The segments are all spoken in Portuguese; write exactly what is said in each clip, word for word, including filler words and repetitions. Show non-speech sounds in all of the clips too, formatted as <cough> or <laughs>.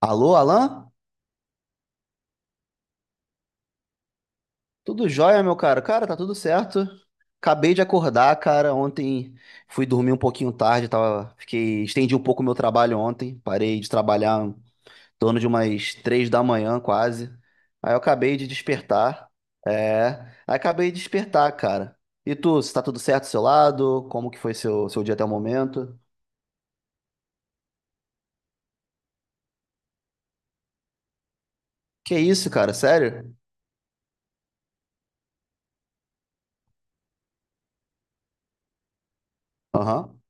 Alô, Alan? Tudo jóia, meu cara? Cara, tá tudo certo. Acabei de acordar, cara. Ontem fui dormir um pouquinho tarde, tava... Fiquei... Estendi um pouco o meu trabalho ontem. Parei de trabalhar em torno de umas três da manhã, quase. Aí eu acabei de despertar. É... Aí acabei de despertar, cara. E tu, se tá tudo certo do seu lado? Como que foi seu, seu dia até o momento? Que isso, cara? Sério? Aham.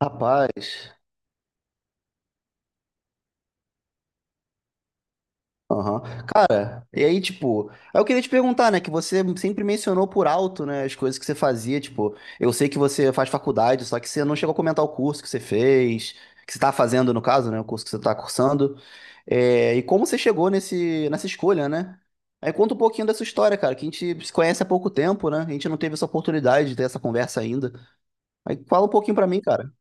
Rapaz. Aham. Cara, e aí, tipo, aí eu queria te perguntar, né, que você sempre mencionou por alto, né, as coisas que você fazia, tipo, eu sei que você faz faculdade, só que você não chegou a comentar o curso que você fez, que você tá fazendo, no caso, né, o curso que você tá cursando, é, e como você chegou nesse, nessa escolha, né? Aí conta um pouquinho dessa história, cara, que a gente se conhece há pouco tempo, né, a gente não teve essa oportunidade de ter essa conversa ainda. Aí fala um pouquinho pra mim, cara.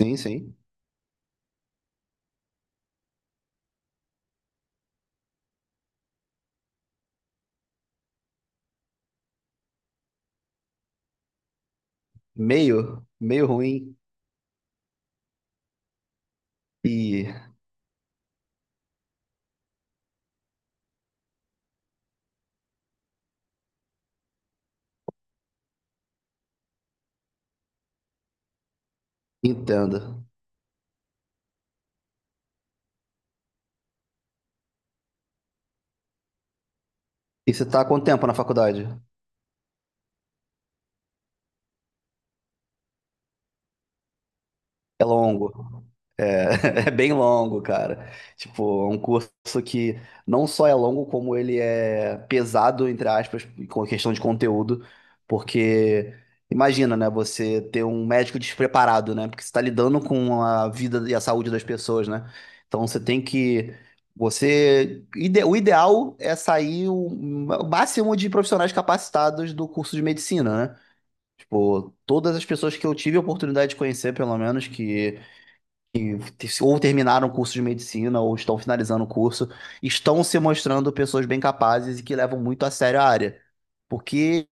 Sim, sim. Meio, meio ruim e entendo. E você tá há quanto tempo na faculdade? É longo, é, <laughs> é bem longo, cara. Tipo, é um curso que não só é longo, como ele é pesado, entre aspas, com a questão de conteúdo, porque imagina, né, você ter um médico despreparado, né, porque você está lidando com a vida e a saúde das pessoas, né? Então você tem que, você, ide- o ideal é sair o o máximo de profissionais capacitados do curso de medicina, né? Tipo, todas as pessoas que eu tive a oportunidade de conhecer, pelo menos, que que te- ou terminaram o curso de medicina ou estão finalizando o curso, estão se mostrando pessoas bem capazes e que levam muito a sério a área. Porque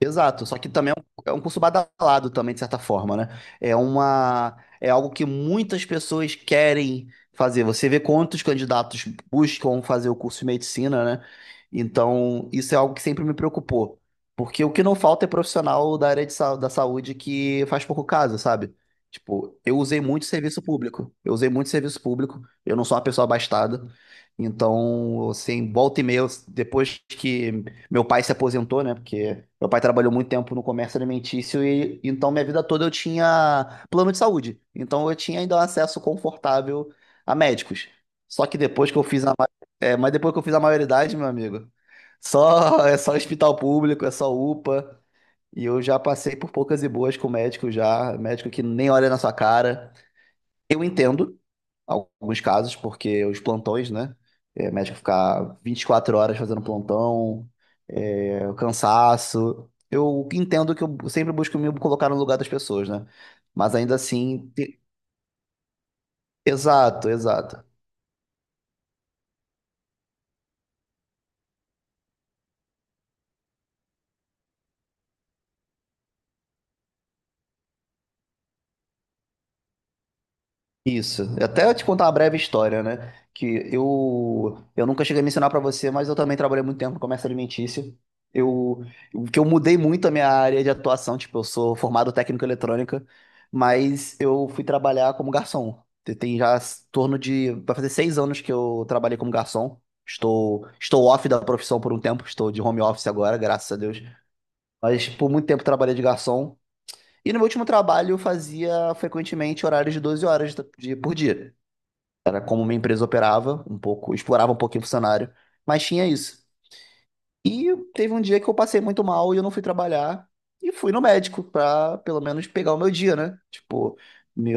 Exato, só que também é um, é um curso badalado também, de certa forma, né? É uma, é algo que muitas pessoas querem fazer. Você vê quantos candidatos buscam fazer o curso de medicina, né? Então, isso é algo que sempre me preocupou. Porque o que não falta é profissional da área de, sa- da saúde que faz pouco caso, sabe? Tipo, eu usei muito serviço público. Eu usei muito serviço público. Eu não sou uma pessoa abastada. Então, assim, volta e meia, depois que meu pai se aposentou, né? Porque meu pai trabalhou muito tempo no comércio alimentício e então minha vida toda eu tinha plano de saúde. Então eu tinha ainda um acesso confortável a médicos. Só que depois que eu fiz a, ma- é, mas depois que eu fiz a maioridade, meu amigo, só <laughs> é só hospital público, é só UPA. E eu já passei por poucas e boas com médico já, médico que nem olha na sua cara. Eu entendo alguns casos, porque os plantões, né? É, médico ficar vinte e quatro horas fazendo plantão, é, o cansaço. Eu entendo que eu sempre busco me colocar no lugar das pessoas, né? Mas ainda assim. te- Exato, exato. Isso. Até te contar uma breve história, né? Que eu eu nunca cheguei a mencionar pra você, mas eu também trabalhei muito tempo no comércio alimentício. Eu o que eu mudei muito a minha área de atuação, tipo, eu sou formado técnico em eletrônica, mas eu fui trabalhar como garçom. Tem tem já s- torno de vai fazer seis anos que eu trabalhei como garçom. Estou estou off da profissão por um tempo, estou de home office agora, graças a Deus. Mas por muito tempo trabalhei de garçom. E no meu último trabalho eu fazia frequentemente horários de doze horas de- por dia. Era como uma empresa operava um pouco, explorava um pouquinho o funcionário, mas tinha isso. E teve um dia que eu passei muito mal e eu não fui trabalhar e fui no médico pra pelo menos pegar o meu dia, né? Tipo, me,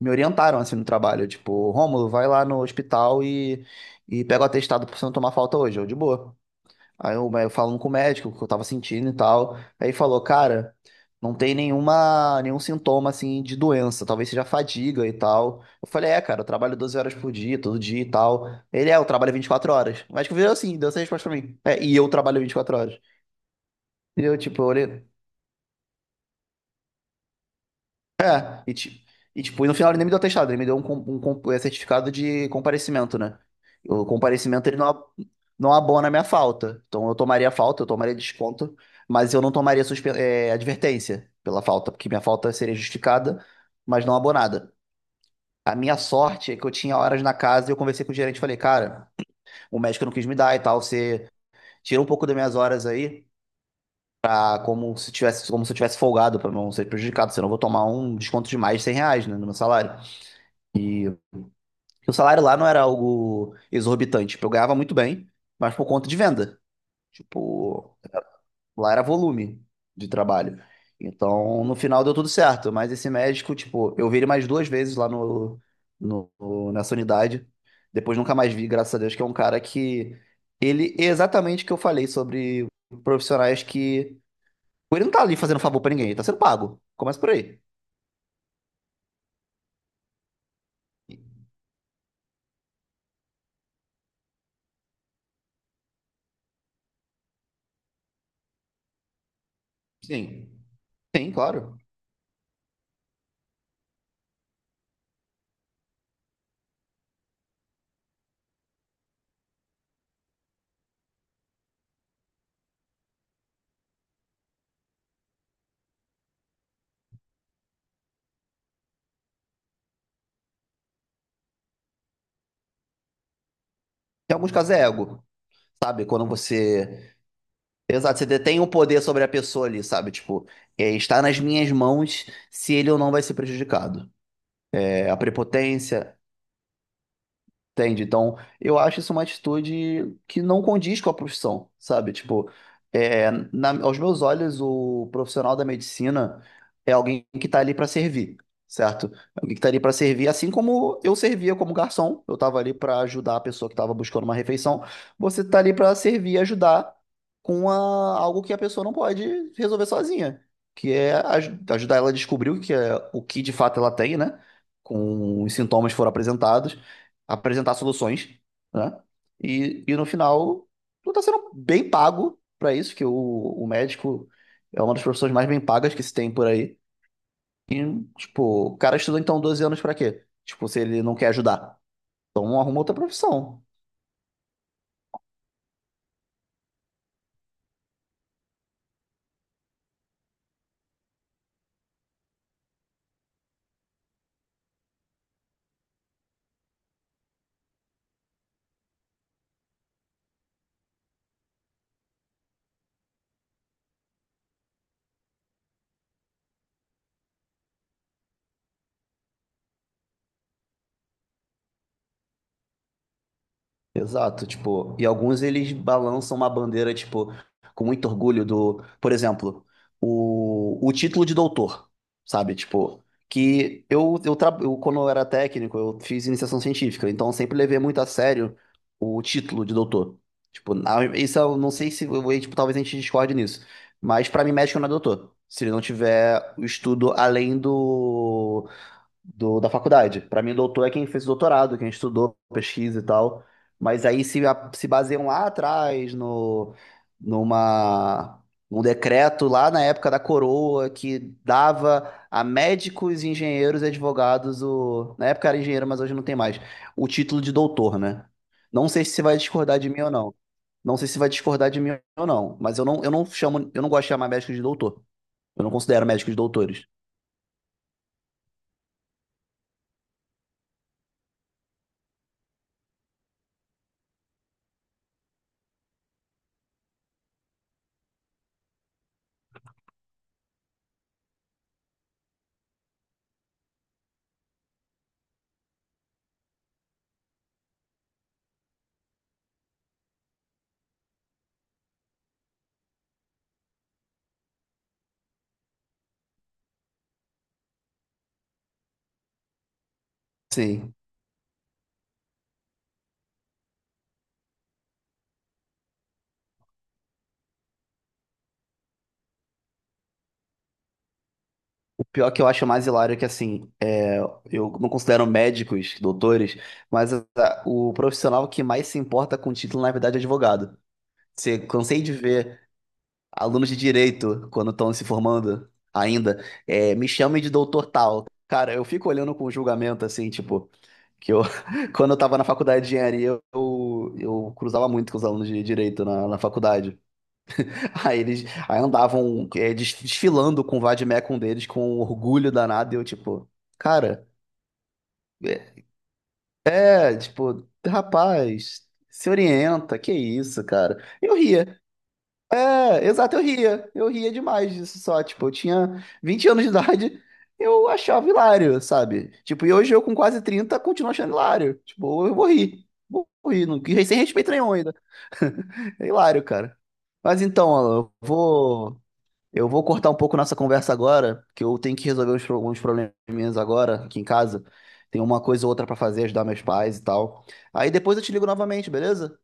me orientaram assim no trabalho, tipo, Rômulo, vai lá no hospital e, e pega o atestado pra você não tomar falta hoje, eu de boa. Aí eu, eu falando com o médico, o que eu tava sentindo e tal. Aí ele falou, cara, não tem nenhuma, nenhum sintoma assim de doença, talvez seja fadiga e tal. Eu falei, é, cara, eu trabalho doze horas por dia, todo dia e tal. Ele é, eu trabalho vinte e quatro horas. O médico virou assim, deu essa resposta pra mim. É, e eu trabalho vinte e quatro horas. E eu, tipo, eu olhei. É, e, ti- e tipo, e no final ele nem me deu atestado, ele me deu um, com- um, com- é, certificado de comparecimento, né? O comparecimento ele não, ab- não abona a minha falta. Então eu tomaria falta, eu tomaria desconto, mas eu não tomaria suspe- é, advertência pela falta, porque minha falta seria justificada, mas não abonada. A minha sorte é que eu tinha horas na casa e eu conversei com o gerente e falei, cara, o médico não quis me dar e tal, você tira um pouco das minhas horas aí, ah, como se tivesse, como se eu tivesse folgado pra não ser prejudicado, senão eu vou tomar um desconto de mais de cem reais, né, no meu salário. Porque o salário lá não era algo exorbitante. Tipo, eu ganhava muito bem, mas por conta de venda. Tipo, lá era volume de trabalho. Então, no final deu tudo certo. Mas esse médico, tipo, eu vi ele mais duas vezes lá no, no- nessa unidade. Depois nunca mais vi, graças a Deus, que é um cara que. Ele é exatamente o que eu falei sobre profissionais que. Tipo, ele não tá ali fazendo favor pra ninguém, ele tá sendo pago. Começa por aí. Sim. Sim, claro. Em alguns casos é ego, sabe? Quando você Exato, você detém o poder sobre a pessoa ali, sabe? Tipo, é, está nas minhas mãos se ele ou não vai ser prejudicado. É, a prepotência. Entende? Então, eu acho isso uma atitude que não condiz com a profissão, sabe? Tipo, é, na- aos meus olhos, o profissional da medicina é alguém que está ali para servir, certo? Alguém que está ali para servir, assim como eu servia como garçom, eu estava ali para ajudar a pessoa que estava buscando uma refeição. Você está ali para servir e ajudar com a- algo que a pessoa não pode resolver sozinha, que é aj- ajudar ela a descobrir o que é, o que de fato ela tem, né? Com os sintomas que foram apresentados apresentar soluções, né? E, e no final, tu tá sendo bem pago pra isso, que o, o médico é uma das profissões mais bem pagas que se tem por aí. E, tipo, o cara estudou então doze anos pra quê? Tipo, se ele não quer ajudar. Então arruma outra profissão. Exato, tipo, e alguns eles balançam uma bandeira, tipo, com muito orgulho do, por exemplo, o, o título de doutor, sabe? Tipo, que eu, eu, tra- eu, quando eu era técnico, eu fiz iniciação científica, então eu sempre levei muito a sério o título de doutor. Tipo, na- isso eu não sei se, eu- tipo, talvez a gente discorde nisso, mas pra mim médico não é doutor, se ele não tiver o estudo além do, do- da faculdade. Para mim, doutor é quem fez o doutorado, quem estudou, pesquisa e tal. Mas aí se, a- se baseiam lá atrás no, numa, num decreto lá na época da coroa que dava a médicos, engenheiros e advogados o, na época era engenheiro, mas hoje não tem mais, o título de doutor, né? Não sei se você vai discordar de mim ou não. Não sei se vai discordar de mim ou não, mas eu não, eu não chamo, eu não gosto de chamar médicos de doutor. Eu não considero médicos doutores. Sim. O pior que eu acho mais hilário é que, assim, é, eu não considero médicos, doutores, mas a- o profissional que mais se importa com o título, na verdade, é advogado. Você Cansei de ver alunos de direito, quando estão se formando ainda, é, me chamem de doutor tal. Cara, eu fico olhando com julgamento, assim, tipo, que eu, <laughs> quando eu tava na faculdade de engenharia, eu, eu cruzava muito com os alunos de direito na, na faculdade. Aí eles aí andavam é, des- desfilando com o Vadmecum deles com um orgulho danado. E eu, tipo, cara, é, é, tipo, rapaz, se orienta, que isso, cara. Eu ria. É, exato, eu ria. Eu ria demais disso só. Tipo, eu tinha vinte anos de idade, eu achava hilário, sabe? Tipo, e hoje eu com quase trinta continuo achando hilário. Tipo, eu vou rir. Vou rir, não, sem respeito nenhum ainda. <laughs> É hilário, cara. Mas então, Alan, eu vou. Eu vou cortar um pouco nossa conversa agora, que eu tenho que resolver uns, pro- uns probleminhas agora aqui em casa. Tem uma coisa ou outra pra fazer, ajudar meus pais e tal. Aí depois eu te ligo novamente, beleza?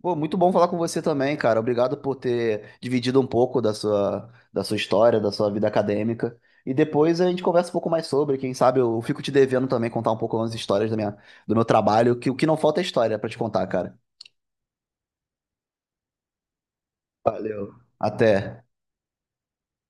Pô, muito bom falar com você também, cara. Obrigado por ter dividido um pouco da sua, da sua história, da sua vida acadêmica. E depois a gente conversa um pouco mais sobre. Quem sabe eu fico te devendo também contar um pouco umas histórias da minha, do meu trabalho, que o que não falta é história pra te contar, cara. Até.